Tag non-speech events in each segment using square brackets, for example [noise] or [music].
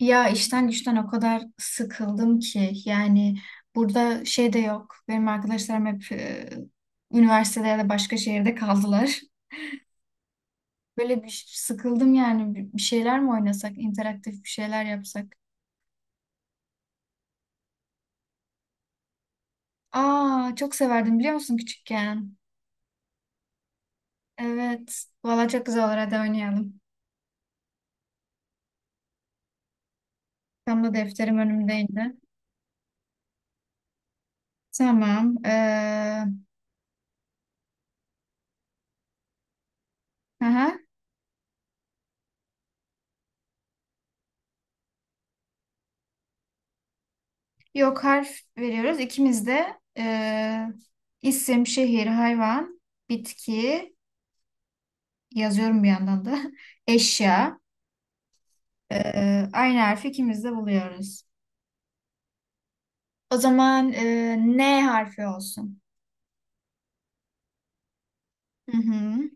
Ya işten güçten o kadar sıkıldım ki yani burada şey de yok. Benim arkadaşlarım hep üniversitede ya da başka şehirde kaldılar. [laughs] Böyle bir sıkıldım yani bir şeyler mi oynasak, interaktif bir şeyler yapsak. Aa çok severdim biliyor musun küçükken? Evet. Valla çok güzel olur, hadi oynayalım. Tam da defterim önümdeydi. Tamam. Aha, yok, harf veriyoruz. İkimiz de isim, şehir, hayvan, bitki yazıyorum bir yandan da. [laughs] Eşya. E, Aynı harfi ikimiz de buluyoruz. O zaman N harfi olsun. Hı hı.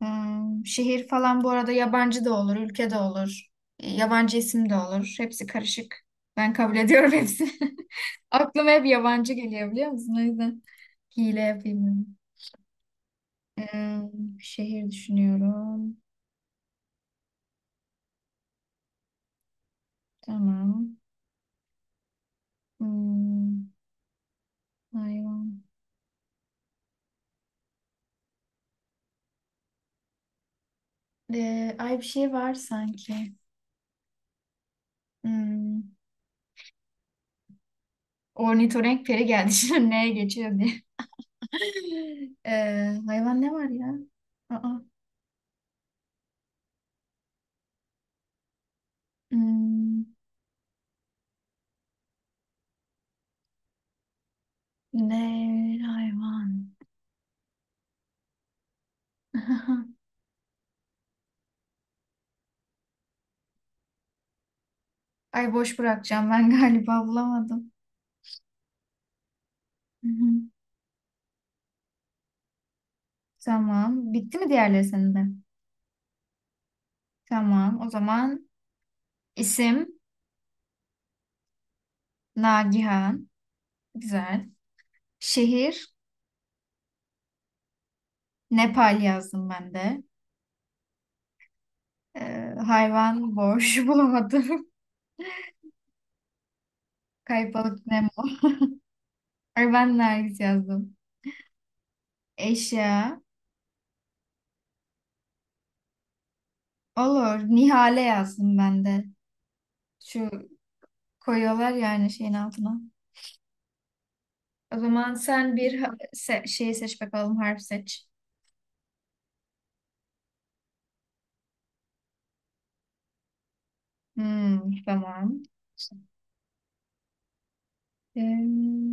Hmm, şehir falan bu arada yabancı da olur, ülke de olur. Yabancı isim de olur. Hepsi karışık. Ben kabul ediyorum hepsini. [laughs] Aklıma hep yabancı geliyor biliyor musun? O yüzden hile yapayım dedim. Ee, şehir düşünüyorum. Tamam. Hmm, hayvan. Ay bir şey var sanki. Hmm, ornitorenk peri geldi [laughs] şimdi neye geçiyor diye. [laughs] Hayvan ne var ya? Aa, hmm, ne hayvan? [laughs] Ay, boş bırakacağım, ben galiba bulamadım. Hı hı. Tamam. Bitti mi diğerleri senin de? Tamam. O zaman isim Nagihan. Güzel. Şehir Nepal yazdım ben de. Hayvan boş [laughs] bulamadım. Kayıp balık Nemo. Ay, ben Nergis yazdım. Eşya. Olur. Nihale yazdım ben de. Şu koyuyorlar yani şeyin altına. O zaman sen bir şeyi seç bakalım. Harf seç. Hmm, tamam. Ee,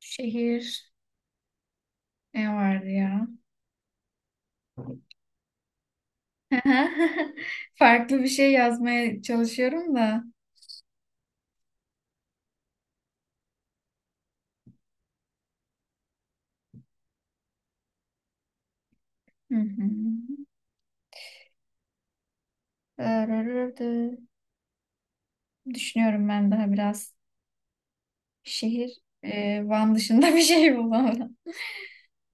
şehir. Ne vardı ya? [laughs] Farklı bir şey yazmaya çalışıyorum da. Hı hı. Ee, düşünüyorum ben daha biraz. Şehir, Van dışında bir şey bulamadım.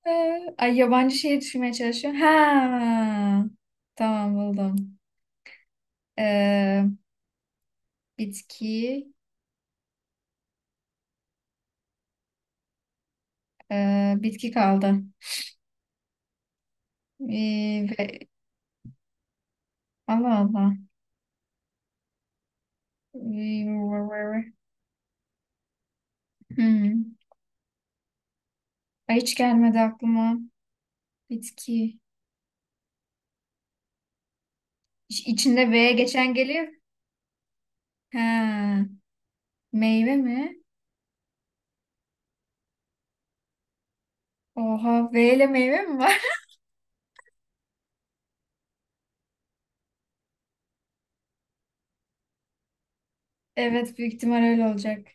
E, ay yabancı şehir düşünmeye çalışıyorum. Ha. Tamam, buldum. E, bitki, bitki kaldı. E, ve, Allah Allah. E, hmm. Ay hiç gelmedi aklıma. Bitki. İçinde V geçen geliyor. Ha. Meyve mi? Oha, V ile meyve mi var? [laughs] Evet, büyük ihtimal öyle olacak.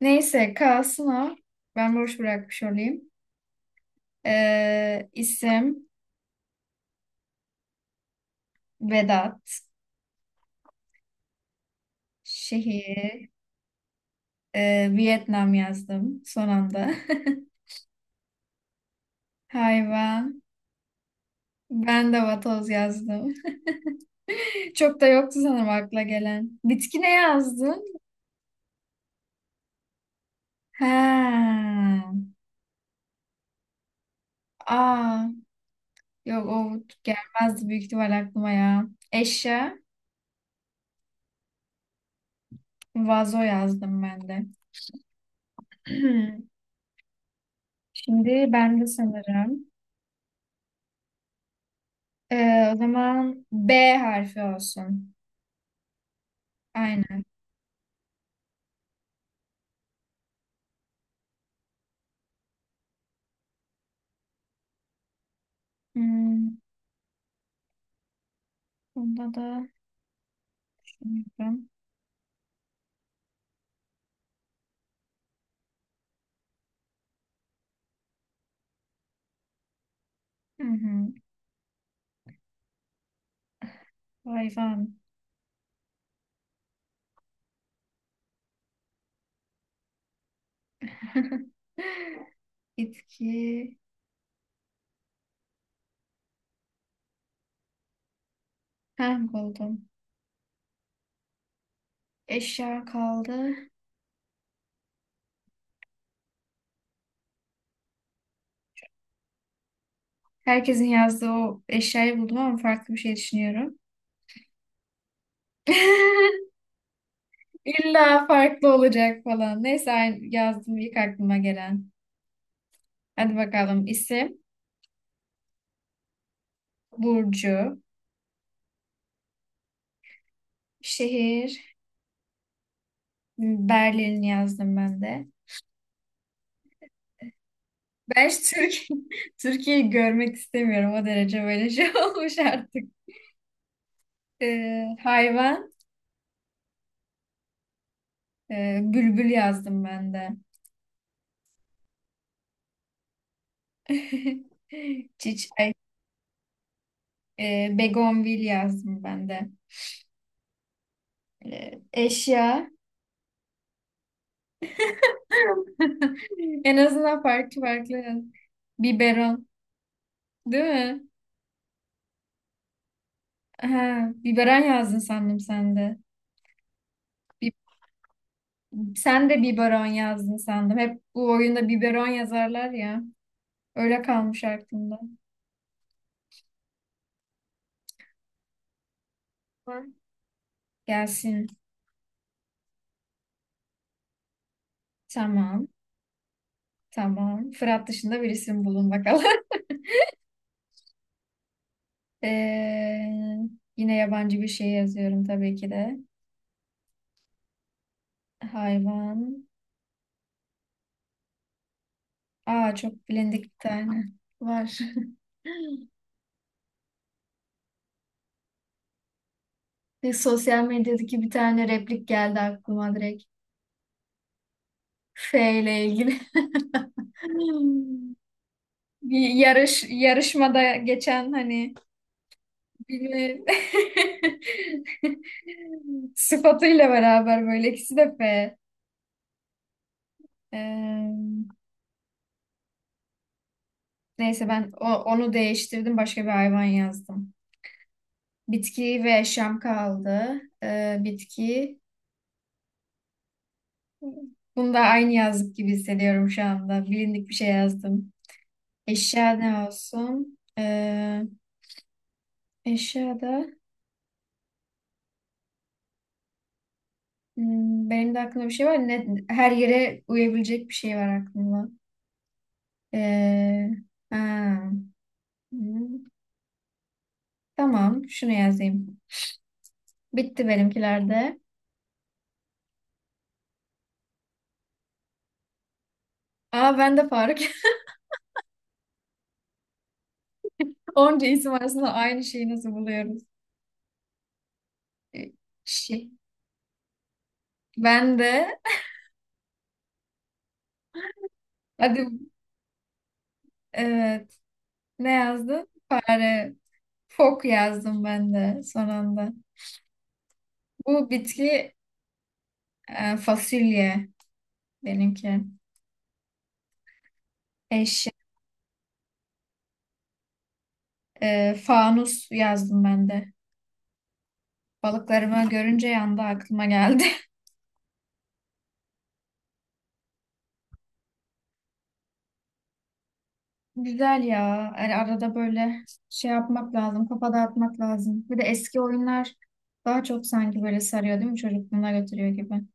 Neyse kalsın o. Ben boş bırakmış olayım. İsim Vedat. Şehir, Vietnam yazdım son anda. [laughs] Hayvan, ben de vatoz yazdım. [laughs] Çok da yoktu sanırım akla gelen. Bitki ne yazdın? Ha. Aa, yok, o gelmezdi büyük ihtimal aklıma ya. Eşya, vazo yazdım ben de. [clears throat] Şimdi ben de sanırım. O zaman B harfi olsun. Aynen. Hmm, bunda da hayvan. Hı hı. Hayvan. [laughs] Bitki. Ha, buldum. Eşya kaldı. Herkesin yazdığı o eşyayı buldum ama farklı bir şey düşünüyorum. [laughs] İlla farklı olacak falan. Neyse yazdım ilk aklıma gelen. Hadi bakalım. İsim, Burcu, şehir, Berlin yazdım ben de. Ben hiç Türkiye, [laughs] Türkiye'yi görmek istemiyorum. O derece böyle şey [laughs] olmuş artık. Hayvan. Bülbül yazdım ben de. [laughs] Çiçek, begonvil yazdım ben de. Eşya. [laughs] En azından farklı farklı biberon, değil mi? Ha, biberon yazdın sandım sen de. Bi- sen de biberon yazdın sandım. Hep bu oyunda biberon yazarlar ya. Öyle kalmış aklımda. Var. Gelsin. Tamam. Tamam. Fırat dışında bir isim bulun bakalım. Ee, yine yabancı bir şey yazıyorum tabii ki de. Hayvan. Aa, çok bilindik bir tane var. [laughs] Bir sosyal medyadaki bir tane replik geldi aklıma direkt. F ile ilgili. [laughs] Hmm. Bir yarışmada geçen hani bilmem [laughs] sıfatıyla beraber, böyle ikisi de F. Ee, neyse, ben onu değiştirdim, başka bir hayvan yazdım. Bitki ve yaşam kaldı. Bitki. Bunu da aynı yazdık gibi hissediyorum şu anda. Bilindik bir şey yazdım. Eşya ne olsun? Eşyada hmm, benim de aklımda bir şey var. Ne, her yere uyabilecek bir şey var aklımda. Ee, ha, hmm, tamam, şunu yazayım. Bitti benimkilerde. Aa, ben de Faruk. [laughs] Onca isim arasında aynı şeyi nasıl buluyoruz? Ee, Şey, ben de, hadi, evet. Ne yazdın? Fare. Fok yazdım ben de son anda. Bu bitki, fasulye benimki. Eşya. Fanus yazdım ben de. Balıklarımı görünce yanda aklıma geldi. [laughs] Güzel ya. Yani arada böyle şey yapmak lazım. Kafa dağıtmak lazım. Bir de eski oyunlar daha çok sanki böyle sarıyor, değil mi? Çocukluğuna götürüyor gibi.